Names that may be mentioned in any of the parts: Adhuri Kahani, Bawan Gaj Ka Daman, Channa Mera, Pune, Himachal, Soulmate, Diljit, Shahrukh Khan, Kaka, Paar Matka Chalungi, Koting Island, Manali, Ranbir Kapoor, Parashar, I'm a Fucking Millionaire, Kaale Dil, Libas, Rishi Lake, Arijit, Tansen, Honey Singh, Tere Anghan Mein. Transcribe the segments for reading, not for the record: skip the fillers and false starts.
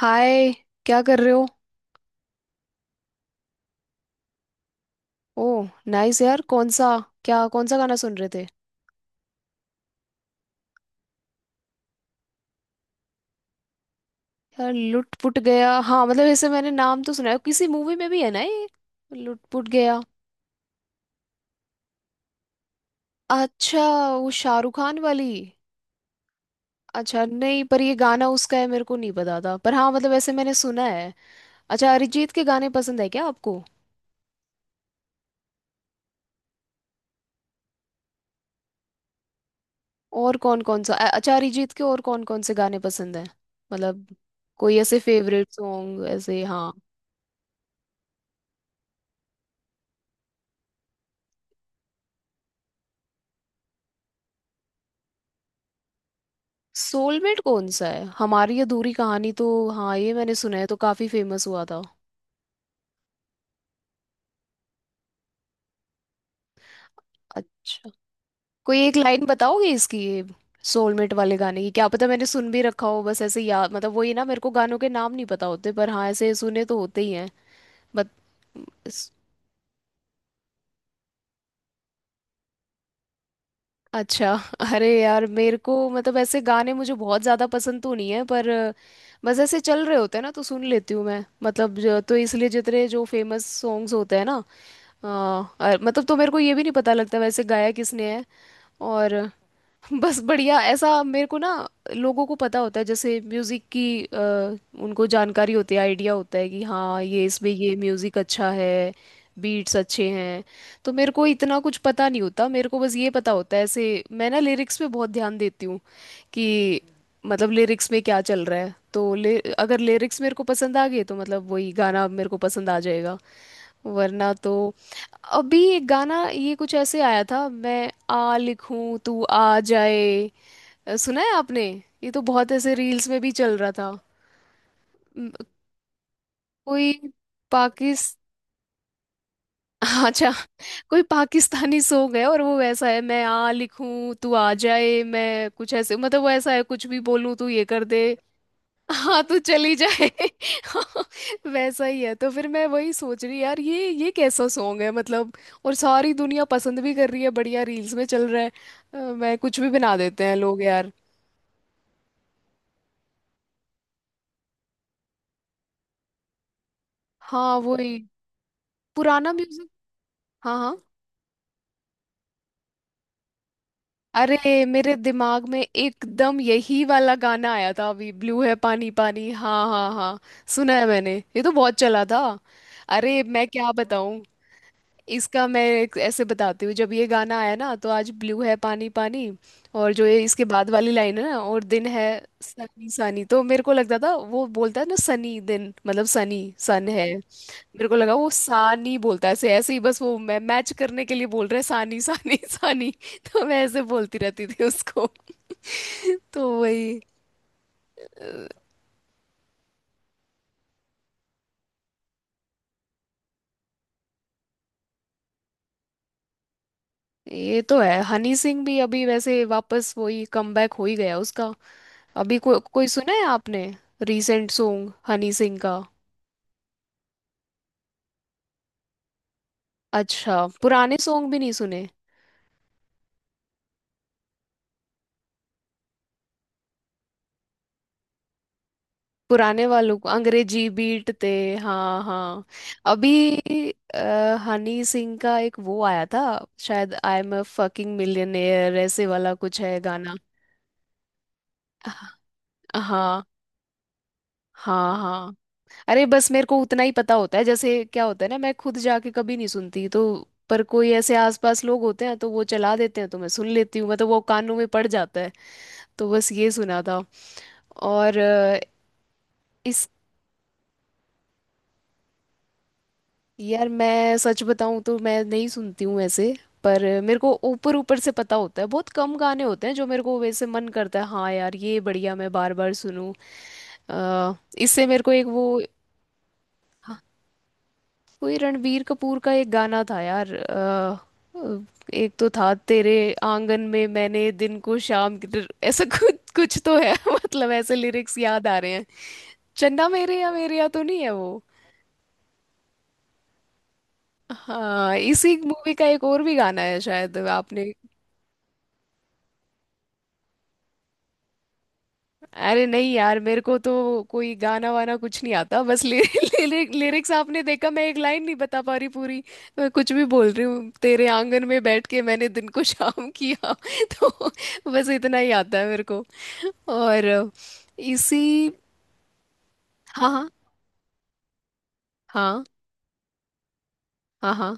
हाय। क्या कर रहे हो? ओ, नाइस यार। कौन सा, क्या कौन सा गाना सुन रहे थे? यार लुट पुट गया। हाँ, मतलब ऐसे मैंने नाम तो सुना है, किसी मूवी में भी है ना ये लुट पुट गया। अच्छा, वो शाहरुख खान वाली। अच्छा, नहीं, पर ये गाना उसका है मेरे को नहीं पता था, पर हाँ मतलब ऐसे मैंने सुना है। अच्छा, अरिजीत के गाने पसंद है क्या आपको? और कौन कौन सा अच्छा, अरिजीत के और कौन कौन से गाने पसंद है? मतलब कोई ऐसे फेवरेट सॉन्ग, ऐसे। हाँ। सोलमेट कौन सा है? हमारी अधूरी कहानी तो हाँ ये मैंने सुना है, तो काफी फेमस हुआ था। अच्छा, कोई एक लाइन बताओगे इसकी, ये सोलमेट वाले गाने की? क्या पता मैंने सुन भी रखा हो, बस ऐसे याद मतलब वही ना, मेरे को गानों के नाम नहीं पता होते, पर हाँ ऐसे सुने तो होते ही हैं। बट इस- अच्छा। अरे यार मेरे को, मतलब ऐसे गाने मुझे बहुत ज़्यादा पसंद तो नहीं है, पर बस ऐसे चल रहे होते हैं ना, तो सुन लेती हूँ मैं। मतलब तो इसलिए जितने जो फेमस सॉन्ग्स होते हैं ना। हाँ, मतलब तो मेरे को ये भी नहीं पता लगता वैसे गाया किसने है। और बस बढ़िया। ऐसा मेरे को ना, लोगों को पता होता है, जैसे म्यूजिक की उनको जानकारी होती है, आइडिया होता है कि हाँ ये इसमें ये म्यूजिक अच्छा है, बीट्स अच्छे हैं। तो मेरे को इतना कुछ पता नहीं होता। मेरे को बस ये पता होता है ऐसे, मैं ना लिरिक्स पे बहुत ध्यान देती हूँ कि मतलब लिरिक्स में क्या चल रहा है। तो अगर लिरिक्स मेरे को पसंद आ गए तो मतलब वही गाना मेरे को पसंद आ जाएगा, वरना तो। अभी एक गाना ये कुछ ऐसे आया था, मैं आ लिखूं तू आ जाए। सुना है आपने? ये तो बहुत ऐसे रील्स में भी चल रहा था। म, कोई पाकिस अच्छा, कोई पाकिस्तानी सॉन्ग है, और वो वैसा है, मैं आ लिखूं तू आ जाए, मैं कुछ ऐसे, मतलब वो ऐसा है कुछ भी बोलूं तू ये कर दे। हाँ तो चली जाए वैसा ही है। तो फिर मैं वही सोच रही यार, ये कैसा सॉन्ग है मतलब, और सारी दुनिया पसंद भी कर रही है, बढ़िया रील्स में चल रहा है। मैं, कुछ भी बना देते हैं लोग यार। हाँ वही, पुराना म्यूजिक। हाँ हाँ। अरे, मेरे दिमाग में एकदम यही वाला गाना आया था अभी, ब्लू है पानी पानी। हाँ हाँ हाँ, सुना है मैंने, ये तो बहुत चला था। अरे मैं क्या बताऊं, इसका मैं एक ऐसे बताती हूँ, जब ये गाना आया ना तो आज ब्लू है पानी पानी, और जो ये इसके बाद वाली लाइन है ना, और दिन है सनी सनी, तो मेरे को लगता था वो बोलता है ना सनी दिन, मतलब सनी सन है। मेरे को लगा वो सानी बोलता है, ऐसे ऐसे ही, बस वो, मैं मैच करने के लिए बोल रहा है सानी सानी सानी। तो मैं ऐसे बोलती रहती थी उसको, तो वही। ये तो है, हनी सिंह भी अभी वैसे वापस वही कमबैक हो ही गया उसका। अभी कोई सुना है आपने, रीसेंट सॉन्ग हनी सिंह का? अच्छा, पुराने सॉन्ग भी नहीं सुने? पुराने वालों को अंग्रेजी बीट थे। हाँ हाँ। अभी हनी सिंह का एक वो आया था, शायद I am a fucking millionaire ऐसे वाला कुछ है गाना। हाँ हाँ हाँ, अरे बस मेरे को उतना ही पता होता है। जैसे क्या होता है ना, मैं खुद जाके कभी नहीं सुनती, तो पर कोई ऐसे आसपास लोग होते हैं तो वो चला देते हैं, तो मैं सुन लेती हूँ, मतलब वो कानों में पड़ जाता है। तो बस ये सुना था। और अ, यार मैं सच बताऊं तो मैं नहीं सुनती हूँ ऐसे, पर मेरे को ऊपर ऊपर से पता होता है। बहुत कम गाने होते हैं जो मेरे को वैसे मन करता है, हाँ यार ये बढ़िया, मैं बार बार सुनूं। इससे मेरे को एक वो। हाँ, कोई रणबीर कपूर का एक गाना था यार, अ, एक तो था, तेरे आंगन में मैंने दिन को शाम की ऐसा कुछ कुछ तो है मतलब ऐसे लिरिक्स याद आ रहे हैं। चन्ना मेरे या तो नहीं है वो? हाँ, इसी मूवी का एक और भी गाना है शायद आपने। अरे नहीं यार, मेरे को तो कोई गाना वाना कुछ नहीं आता। बस लिरिक्स, आपने देखा मैं एक लाइन नहीं बता पा रही पूरी, तो मैं कुछ भी बोल रही हूँ, तेरे आंगन में बैठ के मैंने दिन को शाम किया तो बस इतना ही आता है मेरे को। और इसी। हाँ हाँ। हाँ हाँ हाँ।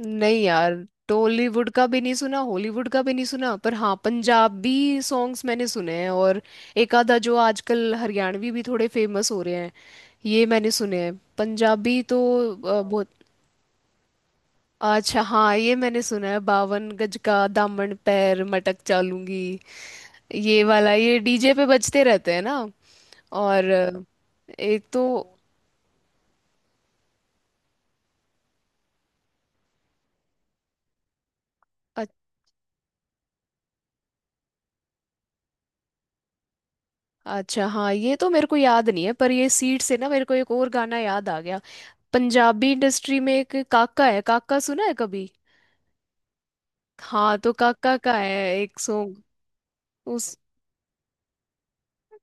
नहीं यार, टॉलीवुड का भी नहीं सुना, हॉलीवुड का भी नहीं सुना, पर हाँ पंजाबी सॉन्ग्स मैंने सुने हैं, और एक आधा जो आजकल हरियाणवी भी थोड़े फेमस हो रहे हैं, ये मैंने सुने हैं। पंजाबी तो हाँ बहुत। अच्छा हाँ, ये मैंने सुना है, 52 गज का दामन पैर मटक चालूंगी, ये वाला। ये डीजे पे बजते रहते हैं ना। और एक तो अ- अच्छा हाँ, ये तो मेरे को याद नहीं है, पर ये सीट से ना मेरे को एक और गाना याद आ गया। पंजाबी इंडस्ट्री में एक काका है, काका सुना है कभी? हाँ तो काका का है एक सॉन्ग, उस।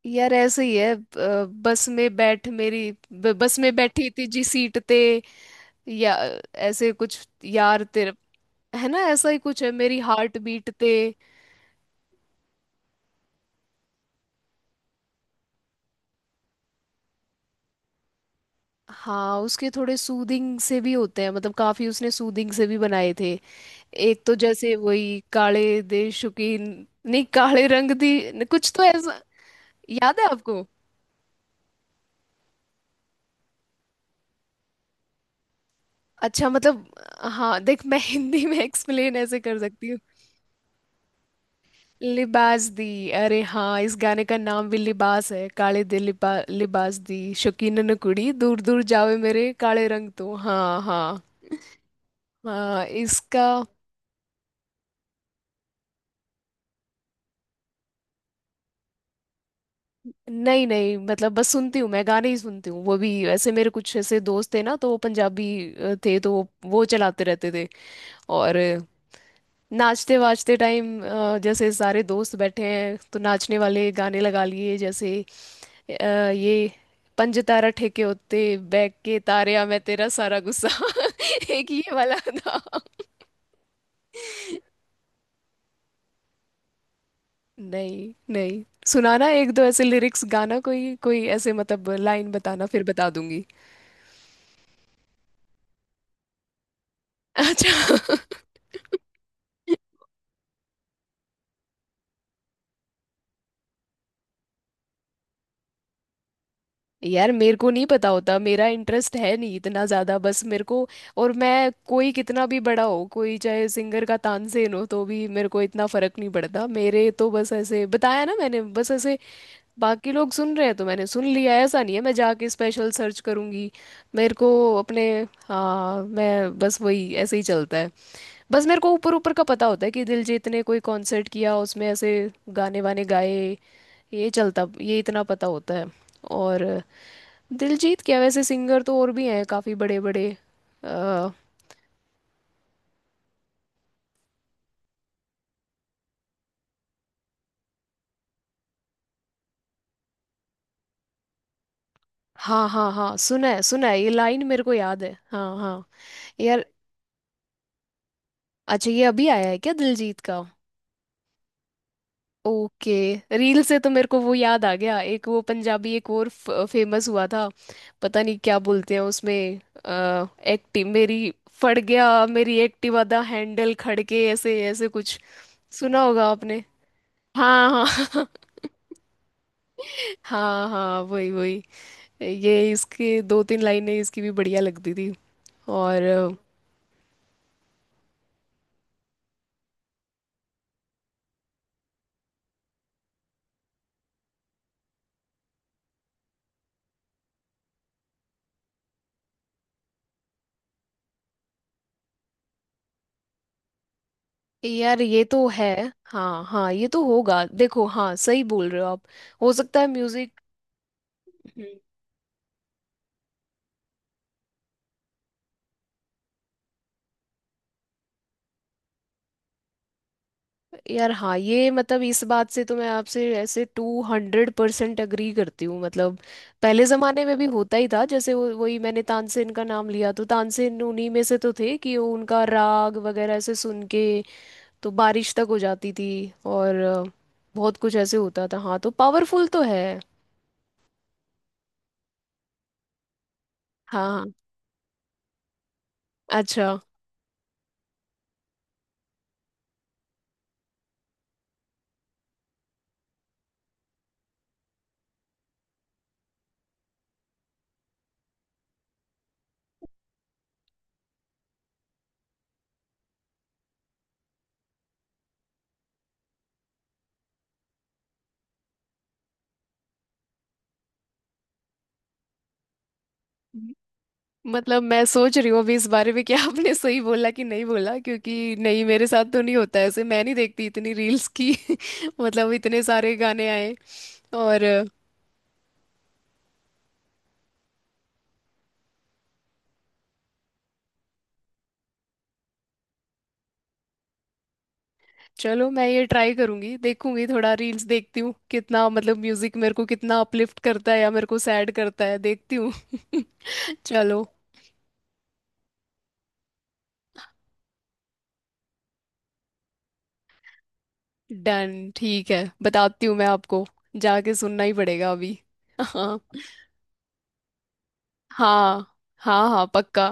यार ऐसे ही है, बस में बैठ मेरी बस में बैठी तुझी सीट ते, या ऐसे कुछ, यार तेरा, है ना, ऐसा ही कुछ है, मेरी हार्ट बीट ते। हाँ, उसके थोड़े सूदिंग से भी होते हैं, मतलब काफी उसने सूदिंग से भी बनाए थे। एक तो जैसे वही काले दे शौकीन, नहीं काले रंग दी कुछ तो ऐसा, याद है आपको? अच्छा, मतलब हाँ देख, मैं हिंदी में एक्सप्लेन ऐसे कर सकती हूँ, लिबास दी। अरे हाँ, इस गाने का नाम भी लिबास है, काले दिल लिबास दी शौकीन न कुड़ी दूर दूर जावे मेरे काले रंग तो, हाँ हाँ। हाँ इसका। नहीं नहीं, मतलब बस सुनती हूँ मैं, गाने ही सुनती हूँ वो भी, ऐसे मेरे कुछ ऐसे दोस्त थे ना, तो वो पंजाबी थे, तो वो चलाते रहते थे। और नाचते वाचते टाइम, जैसे सारे दोस्त बैठे हैं तो नाचने वाले गाने लगा लिए जैसे। ये पंज तारा ठेके होते, बैग के तारे आ मैं तेरा सारा गुस्सा एक ये वाला था। नहीं नहीं, सुनाना एक दो ऐसे लिरिक्स, गाना कोई कोई ऐसे, मतलब लाइन बताना फिर बता दूंगी। अच्छा, यार मेरे को नहीं पता होता, मेरा इंटरेस्ट है नहीं इतना ज़्यादा, बस मेरे को। और मैं, कोई कितना भी बड़ा हो, कोई चाहे सिंगर का तानसेन हो, तो भी मेरे को इतना फर्क नहीं पड़ता। मेरे तो बस, ऐसे बताया ना मैंने, बस ऐसे बाकी लोग सुन रहे हैं तो मैंने सुन लिया। ऐसा नहीं है मैं जाके स्पेशल सर्च करूंगी मेरे को अपने। हाँ, मैं बस वही, ऐसे ही चलता है। बस मेरे को ऊपर ऊपर का पता होता है कि दिलजीत ने कोई कॉन्सर्ट किया, उसमें ऐसे गाने वाने गाए, ये चलता, ये इतना पता होता है। और दिलजीत क्या, वैसे सिंगर तो और भी हैं, काफ़ी बड़े बड़े। आ, हाँ हाँ हाँ, सुना है सुना है, ये लाइन मेरे को याद है, हाँ हाँ। यार, अच्छा ये अभी आया है क्या दिलजीत का? ओके। रील से तो मेरे को वो याद आ गया, एक वो पंजाबी, एक और फेमस हुआ था, पता नहीं क्या बोलते हैं उसमें, आ, एक्टिव मेरी, फट गया मेरी एक्टिव आधा हैंडल खड़के, ऐसे ऐसे कुछ। सुना होगा आपने? हाँ हाँ हाँ हाँ वही वही। ये इसके दो तीन लाइनें इसकी भी बढ़िया लगती थी। और यार ये तो है। हाँ हाँ ये तो होगा, देखो हाँ सही बोल रहे हो आप, हो सकता है म्यूजिक। यार हाँ, ये मतलब इस बात से तो मैं आपसे ऐसे 200% अग्री करती हूँ। मतलब पहले ज़माने में भी होता ही था, जैसे वो, वही मैंने तानसेन का नाम लिया, तो तानसेन उन्हीं में से तो थे कि वो उनका राग वगैरह ऐसे सुन के तो बारिश तक हो जाती थी। और बहुत कुछ ऐसे होता था, हाँ तो पावरफुल तो है। हाँ। अच्छा, मतलब मैं सोच रही हूँ अभी इस बारे में कि आपने सही बोला कि नहीं बोला, क्योंकि नहीं, मेरे साथ तो नहीं होता ऐसे, मैं नहीं देखती इतनी रील्स की मतलब इतने सारे गाने आए। और चलो मैं ये ट्राई करूंगी, देखूंगी थोड़ा रील्स देखती हूँ, कितना मतलब म्यूजिक मेरे को कितना अपलिफ्ट करता है या मेरे को सैड करता है देखती हूँ चलो, डन, ठीक है, बताती हूँ मैं आपको, जाके सुनना ही पड़ेगा अभी। हाँ, हाँ हाँ हाँ पक्का।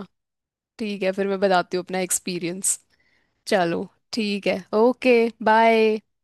ठीक है, फिर मैं बताती हूँ अपना एक्सपीरियंस। चलो, ठीक है, ओके। बाय।